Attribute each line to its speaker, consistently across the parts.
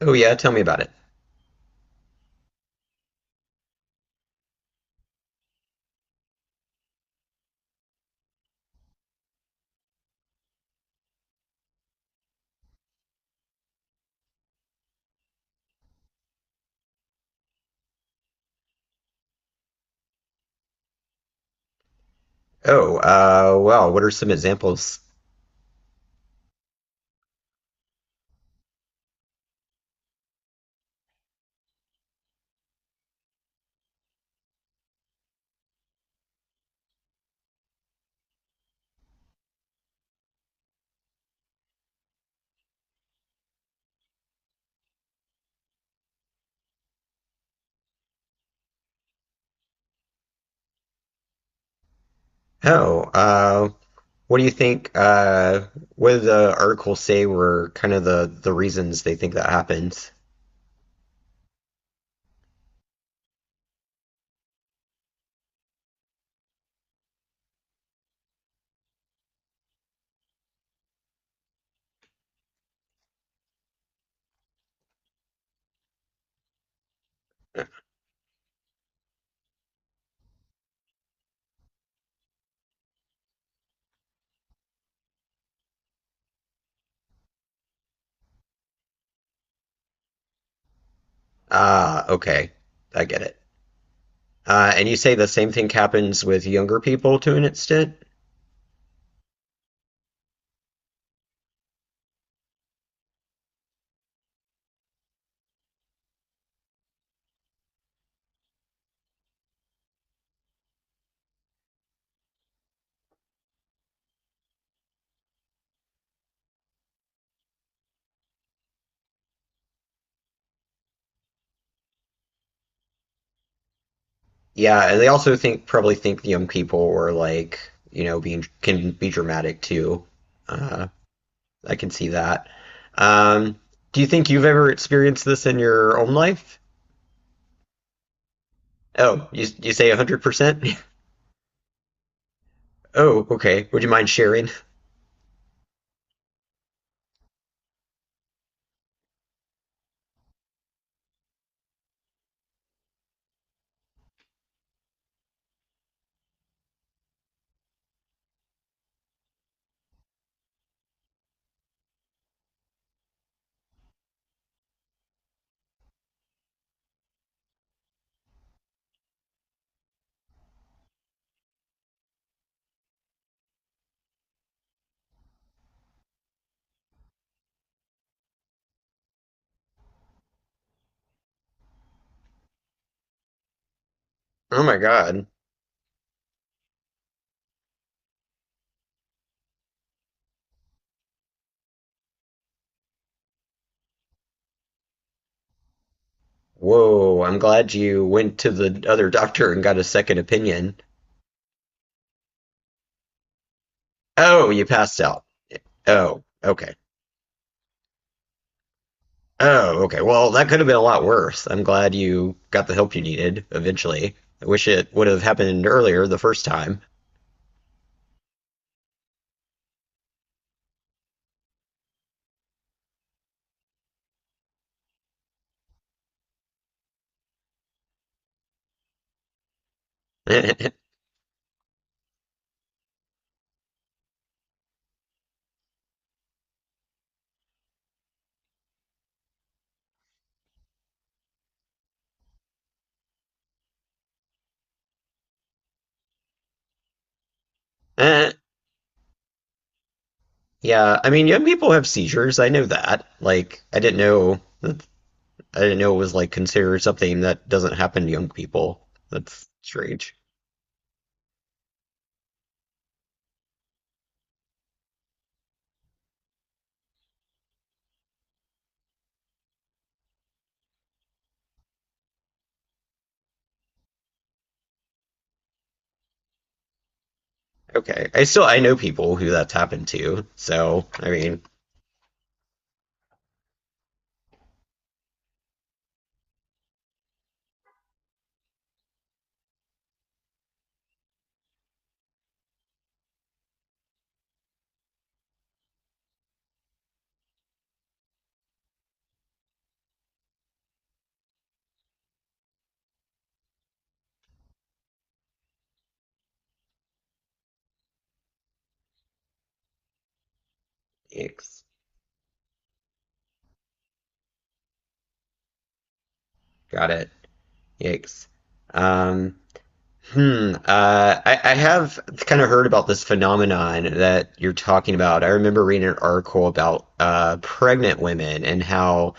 Speaker 1: Oh yeah, tell me about it. Oh, well, what are some examples? Oh, what do you think? What did the article say were kind of the reasons they think that happens? Ah, okay, I get it. And you say the same thing happens with younger people to an extent? Yeah, they also think probably think the young people were like, being can be dramatic too. Uh, I can see that. Um, do you think you've ever experienced this in your own life? Oh, you say 100%? Oh, okay. Would you mind sharing? Oh my God. Whoa, I'm glad you went to the other doctor and got a second opinion. Oh, you passed out. Oh, okay. Oh, okay. Well, that could have been a lot worse. I'm glad you got the help you needed eventually. I wish it would have happened earlier the first time. Eh, yeah, I mean, young people have seizures. I know that. Like, I didn't know that, I didn't know it was like considered something that doesn't happen to young people. That's strange. Okay. I know people who that's happened to. So, I mean, yikes. Got it. Yikes. Um, Hmm. I have kind of heard about this phenomenon that you're talking about. I remember reading an article about pregnant women and how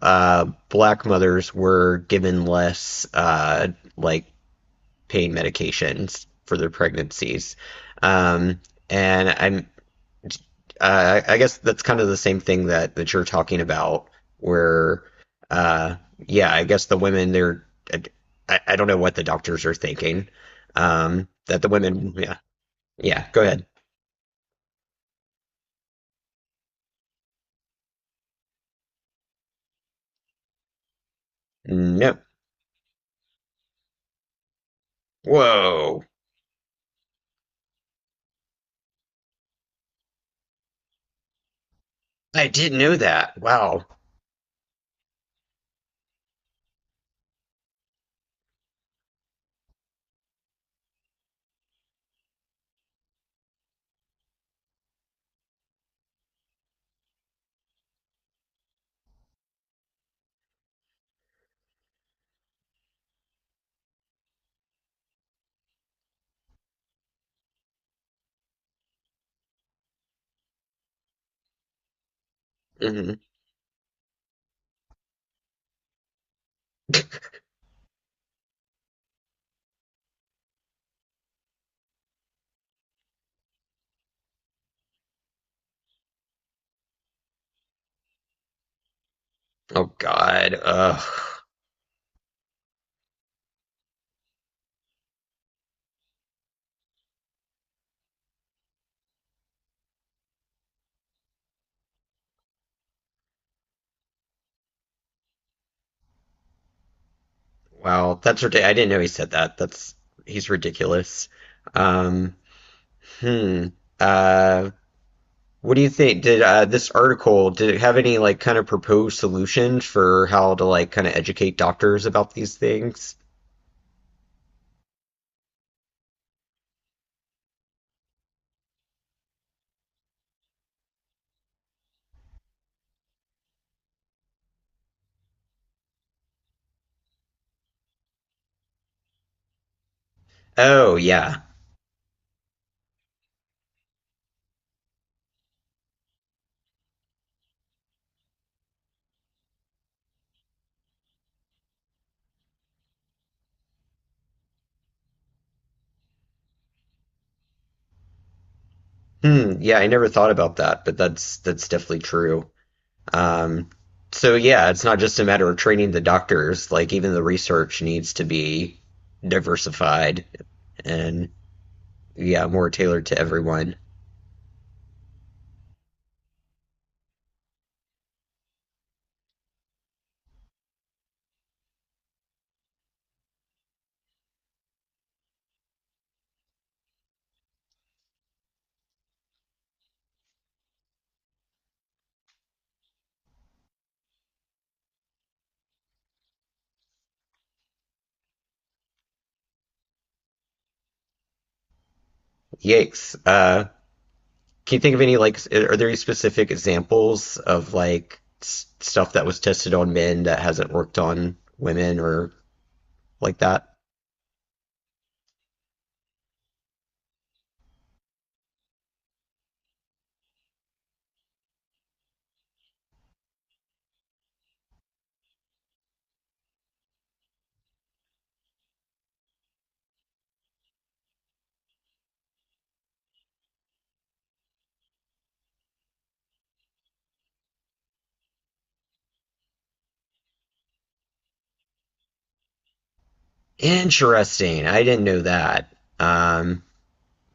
Speaker 1: black mothers were given less like pain medications for their pregnancies. Um, and I'm I guess that's kind of the same thing that you're talking about, where uh, yeah, I guess the women they're I don't know what the doctors are thinking. That the women, yeah, yeah. Go ahead. No, whoa, I didn't know that. Wow. Mhm. Oh God. Ugh. Wow, that's ridiculous. I didn't know he said that. That's He's ridiculous. Um, hmm. Uh, what do you think? Did this article, did it have any like kind of proposed solutions for how to like kind of educate doctors about these things? Oh yeah. Hmm, yeah, I never thought about that, but that's definitely true. Um, so yeah, it's not just a matter of training the doctors, like even the research needs to be diversified and yeah, more tailored to everyone. Yikes. Can you think of any like, are there any specific examples of like s stuff that was tested on men that hasn't worked on women or like that? Interesting. I didn't know that. Um,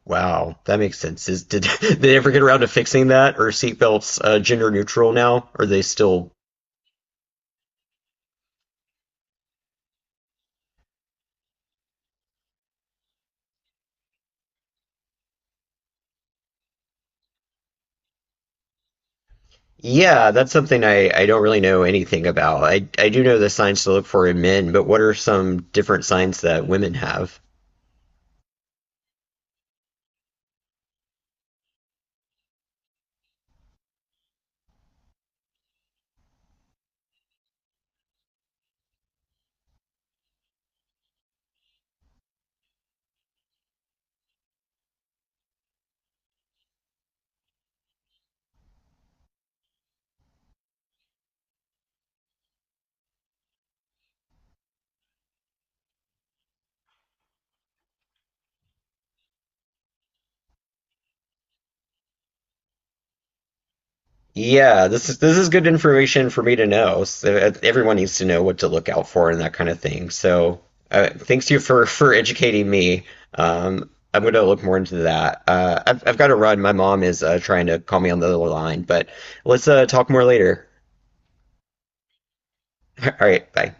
Speaker 1: wow, that makes sense. Is did, did they ever get around to fixing that? Are seatbelts gender neutral now? Are they still? Yeah, that's something I don't really know anything about. I do know the signs to look for in men, but what are some different signs that women have? Yeah, this is good information for me to know. So everyone needs to know what to look out for and that kind of thing. So thanks to you for educating me. I'm going to look more into that. I've got to run. My mom is trying to call me on the other line, but let's talk more later. All right, bye.